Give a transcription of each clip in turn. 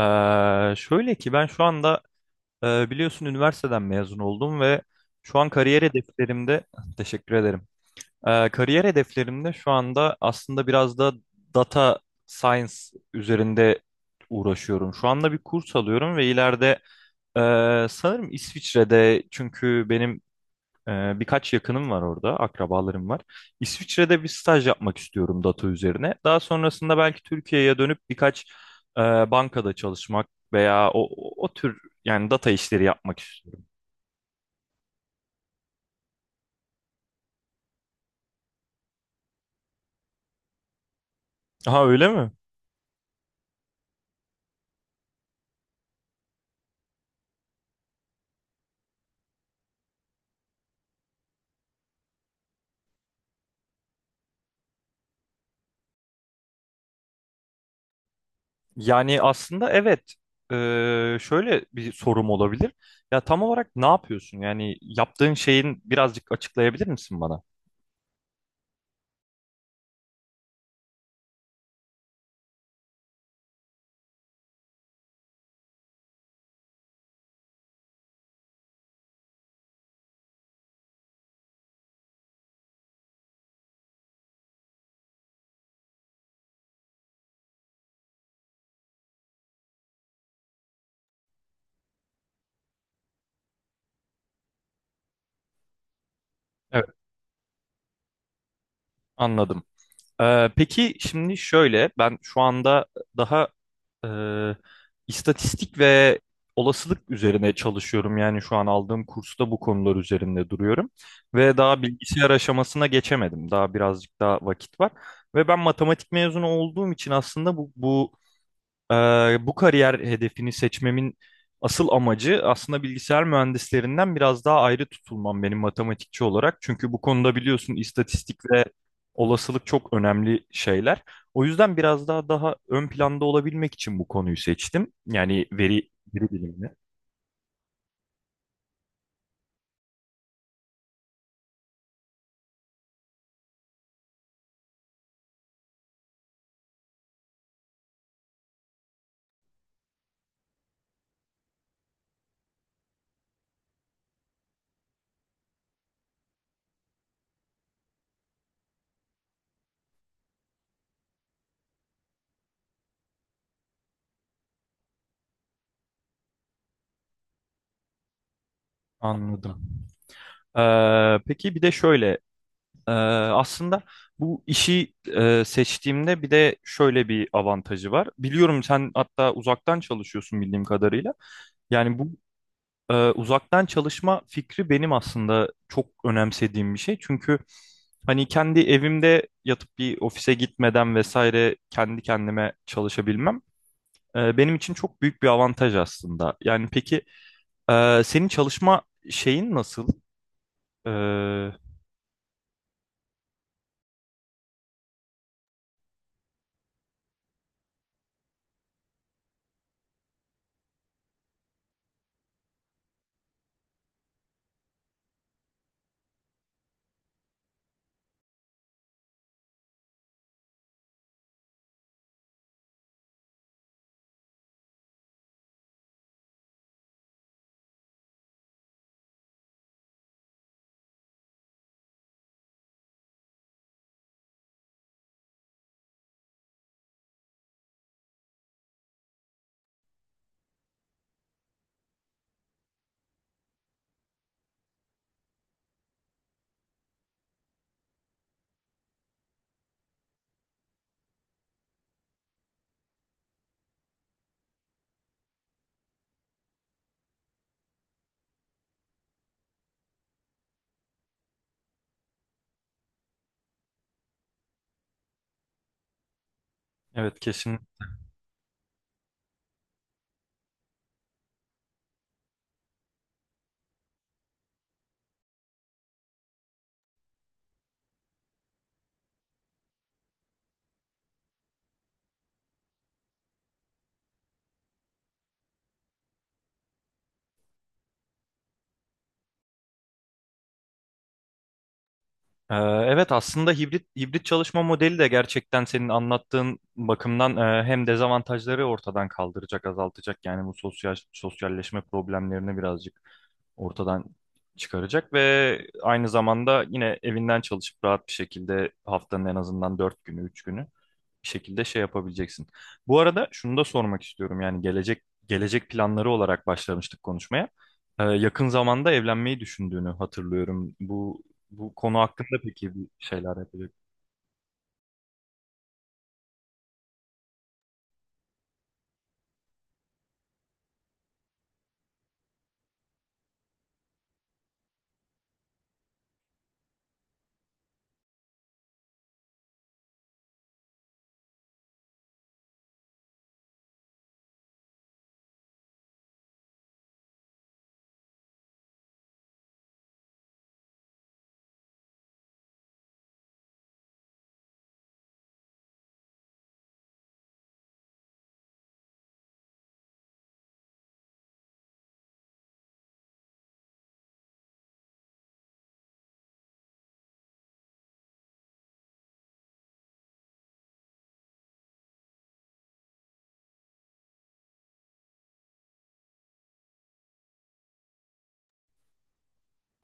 Şöyle ki ben şu anda biliyorsun üniversiteden mezun oldum ve şu an kariyer hedeflerimde teşekkür ederim. Kariyer hedeflerimde şu anda aslında biraz da data science üzerinde uğraşıyorum. Şu anda bir kurs alıyorum ve ileride e, sanırım İsviçre'de, çünkü benim birkaç yakınım var orada, akrabalarım var. İsviçre'de bir staj yapmak istiyorum data üzerine. Daha sonrasında belki Türkiye'ye dönüp birkaç e, bankada çalışmak veya o tür, yani data işleri yapmak istiyorum. Ha, öyle mi? Yani aslında evet. Şöyle bir sorum olabilir. Ya tam olarak ne yapıyorsun? Yani yaptığın şeyin birazcık açıklayabilir misin bana? Evet, anladım. Peki şimdi şöyle, ben şu anda daha Ee, istatistik ve olasılık üzerine çalışıyorum. Yani şu an aldığım kursta bu konular üzerinde duruyorum. Ve daha bilgisayar aşamasına geçemedim. Daha birazcık daha vakit var. Ve ben matematik mezunu olduğum için aslında bu ee, bu kariyer hedefini seçmemin asıl amacı aslında bilgisayar mühendislerinden biraz daha ayrı tutulmam, benim matematikçi olarak. Çünkü bu konuda biliyorsun, istatistik ve olasılık çok önemli şeyler. O yüzden biraz daha ön planda olabilmek için bu konuyu seçtim. Yani veri, veri bilimi. Anladım. Peki bir de şöyle, aslında bu işi seçtiğimde bir de şöyle bir avantajı var. Biliyorum, sen hatta uzaktan çalışıyorsun bildiğim kadarıyla. Yani bu uzaktan çalışma fikri benim aslında çok önemsediğim bir şey. Çünkü hani kendi evimde yatıp bir ofise gitmeden vesaire kendi kendime çalışabilmem benim için çok büyük bir avantaj aslında. Yani peki, senin çalışma şeyin nasıl? Ee, evet, kesin. Evet, aslında hibrit hibrit çalışma modeli de gerçekten senin anlattığın bakımdan hem dezavantajları ortadan kaldıracak, azaltacak, yani bu sosyal sosyalleşme problemlerini birazcık ortadan çıkaracak ve aynı zamanda yine evinden çalışıp rahat bir şekilde haftanın en azından 4 günü, 3 günü bir şekilde şey yapabileceksin. Bu arada şunu da sormak istiyorum, yani gelecek planları olarak başlamıştık konuşmaya. Yakın zamanda evlenmeyi düşündüğünü hatırlıyorum. Bu konu hakkında peki bir şeyler yapacak.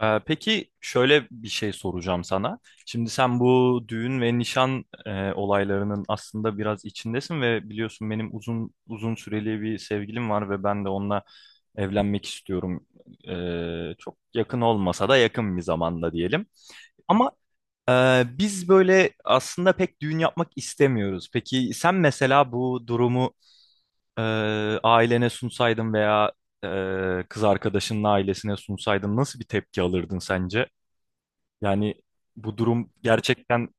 Peki şöyle bir şey soracağım sana. Şimdi sen bu düğün ve nişan olaylarının aslında biraz içindesin ve biliyorsun benim uzun süreli bir sevgilim var ve ben de onunla evlenmek istiyorum. Çok yakın olmasa da yakın bir zamanda diyelim. Ama biz böyle aslında pek düğün yapmak istemiyoruz. Peki sen mesela bu durumu e, ailene sunsaydın veya kız arkadaşının ailesine sunsaydın nasıl bir tepki alırdın sence? Yani bu durum gerçekten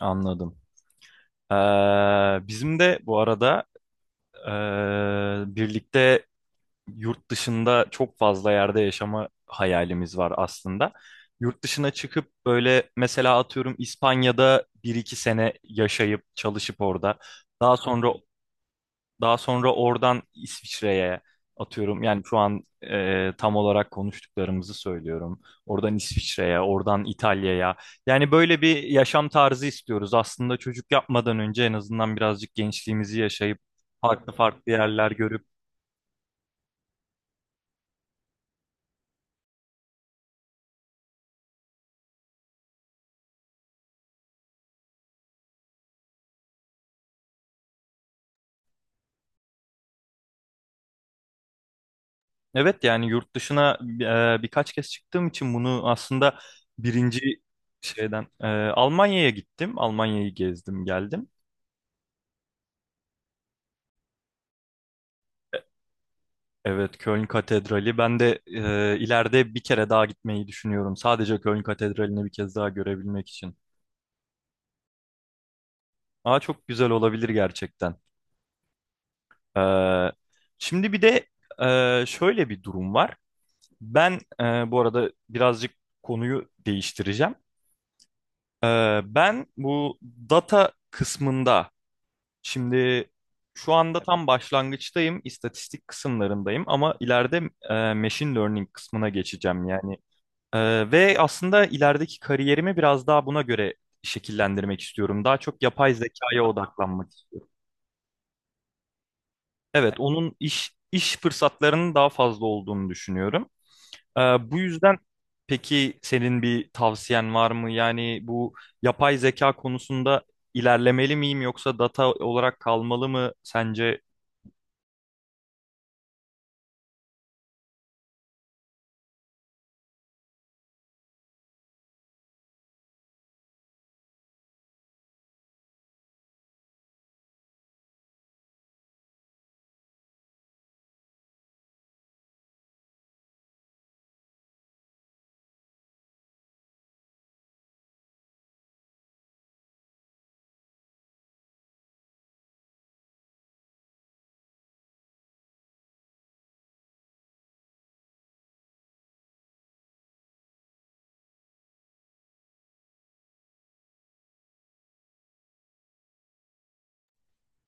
anladım. Ee, Bizim de bu arada birlikte yurt dışında çok fazla yerde yaşama hayalimiz var aslında. Yurt dışına çıkıp böyle mesela atıyorum İspanya'da bir iki sene yaşayıp çalışıp orada. Daha sonra Daha sonra oradan İsviçre'ye atıyorum. Yani şu an tam olarak konuştuklarımızı söylüyorum. Oradan İsviçre'ye, oradan İtalya'ya. Yani böyle bir yaşam tarzı istiyoruz. Aslında çocuk yapmadan önce en azından birazcık gençliğimizi yaşayıp farklı farklı yerler görüp. Evet, yani yurt dışına birkaç kez çıktığım için bunu aslında birinci şeyden Almanya'ya gittim. Almanya'yı gezdim, geldim. Evet, Köln Katedrali. Ben de ileride bir kere daha gitmeyi düşünüyorum. Sadece Köln Katedrali'ni bir kez daha görebilmek için. Aa, çok güzel olabilir gerçekten. Ee, Şimdi bir de şöyle bir durum var. Ben bu arada birazcık konuyu değiştireceğim. Ben bu data kısmında şimdi şu anda tam başlangıçtayım, istatistik kısımlarındayım ama ileride machine learning kısmına geçeceğim. Yani ve aslında ilerideki kariyerimi biraz daha buna göre şekillendirmek istiyorum. Daha çok yapay zekaya odaklanmak istiyorum. Evet, onun iş fırsatlarının daha fazla olduğunu düşünüyorum. Ee, Bu yüzden peki, senin bir tavsiyen var mı? Yani bu yapay zeka konusunda ilerlemeli miyim yoksa data olarak kalmalı mı sence?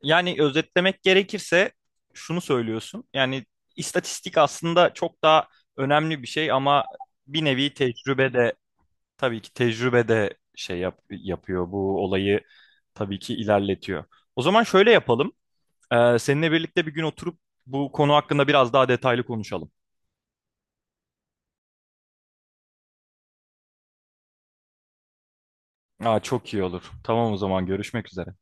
Yani özetlemek gerekirse şunu söylüyorsun. Yani istatistik aslında çok daha önemli bir şey ama bir nevi tecrübe de. Tabii ki tecrübe de şey yapıyor, bu olayı tabii ki ilerletiyor. O zaman şöyle yapalım. Seninle birlikte bir gün oturup bu konu hakkında biraz daha detaylı konuşalım. Aa, çok iyi olur. Tamam, o zaman görüşmek üzere.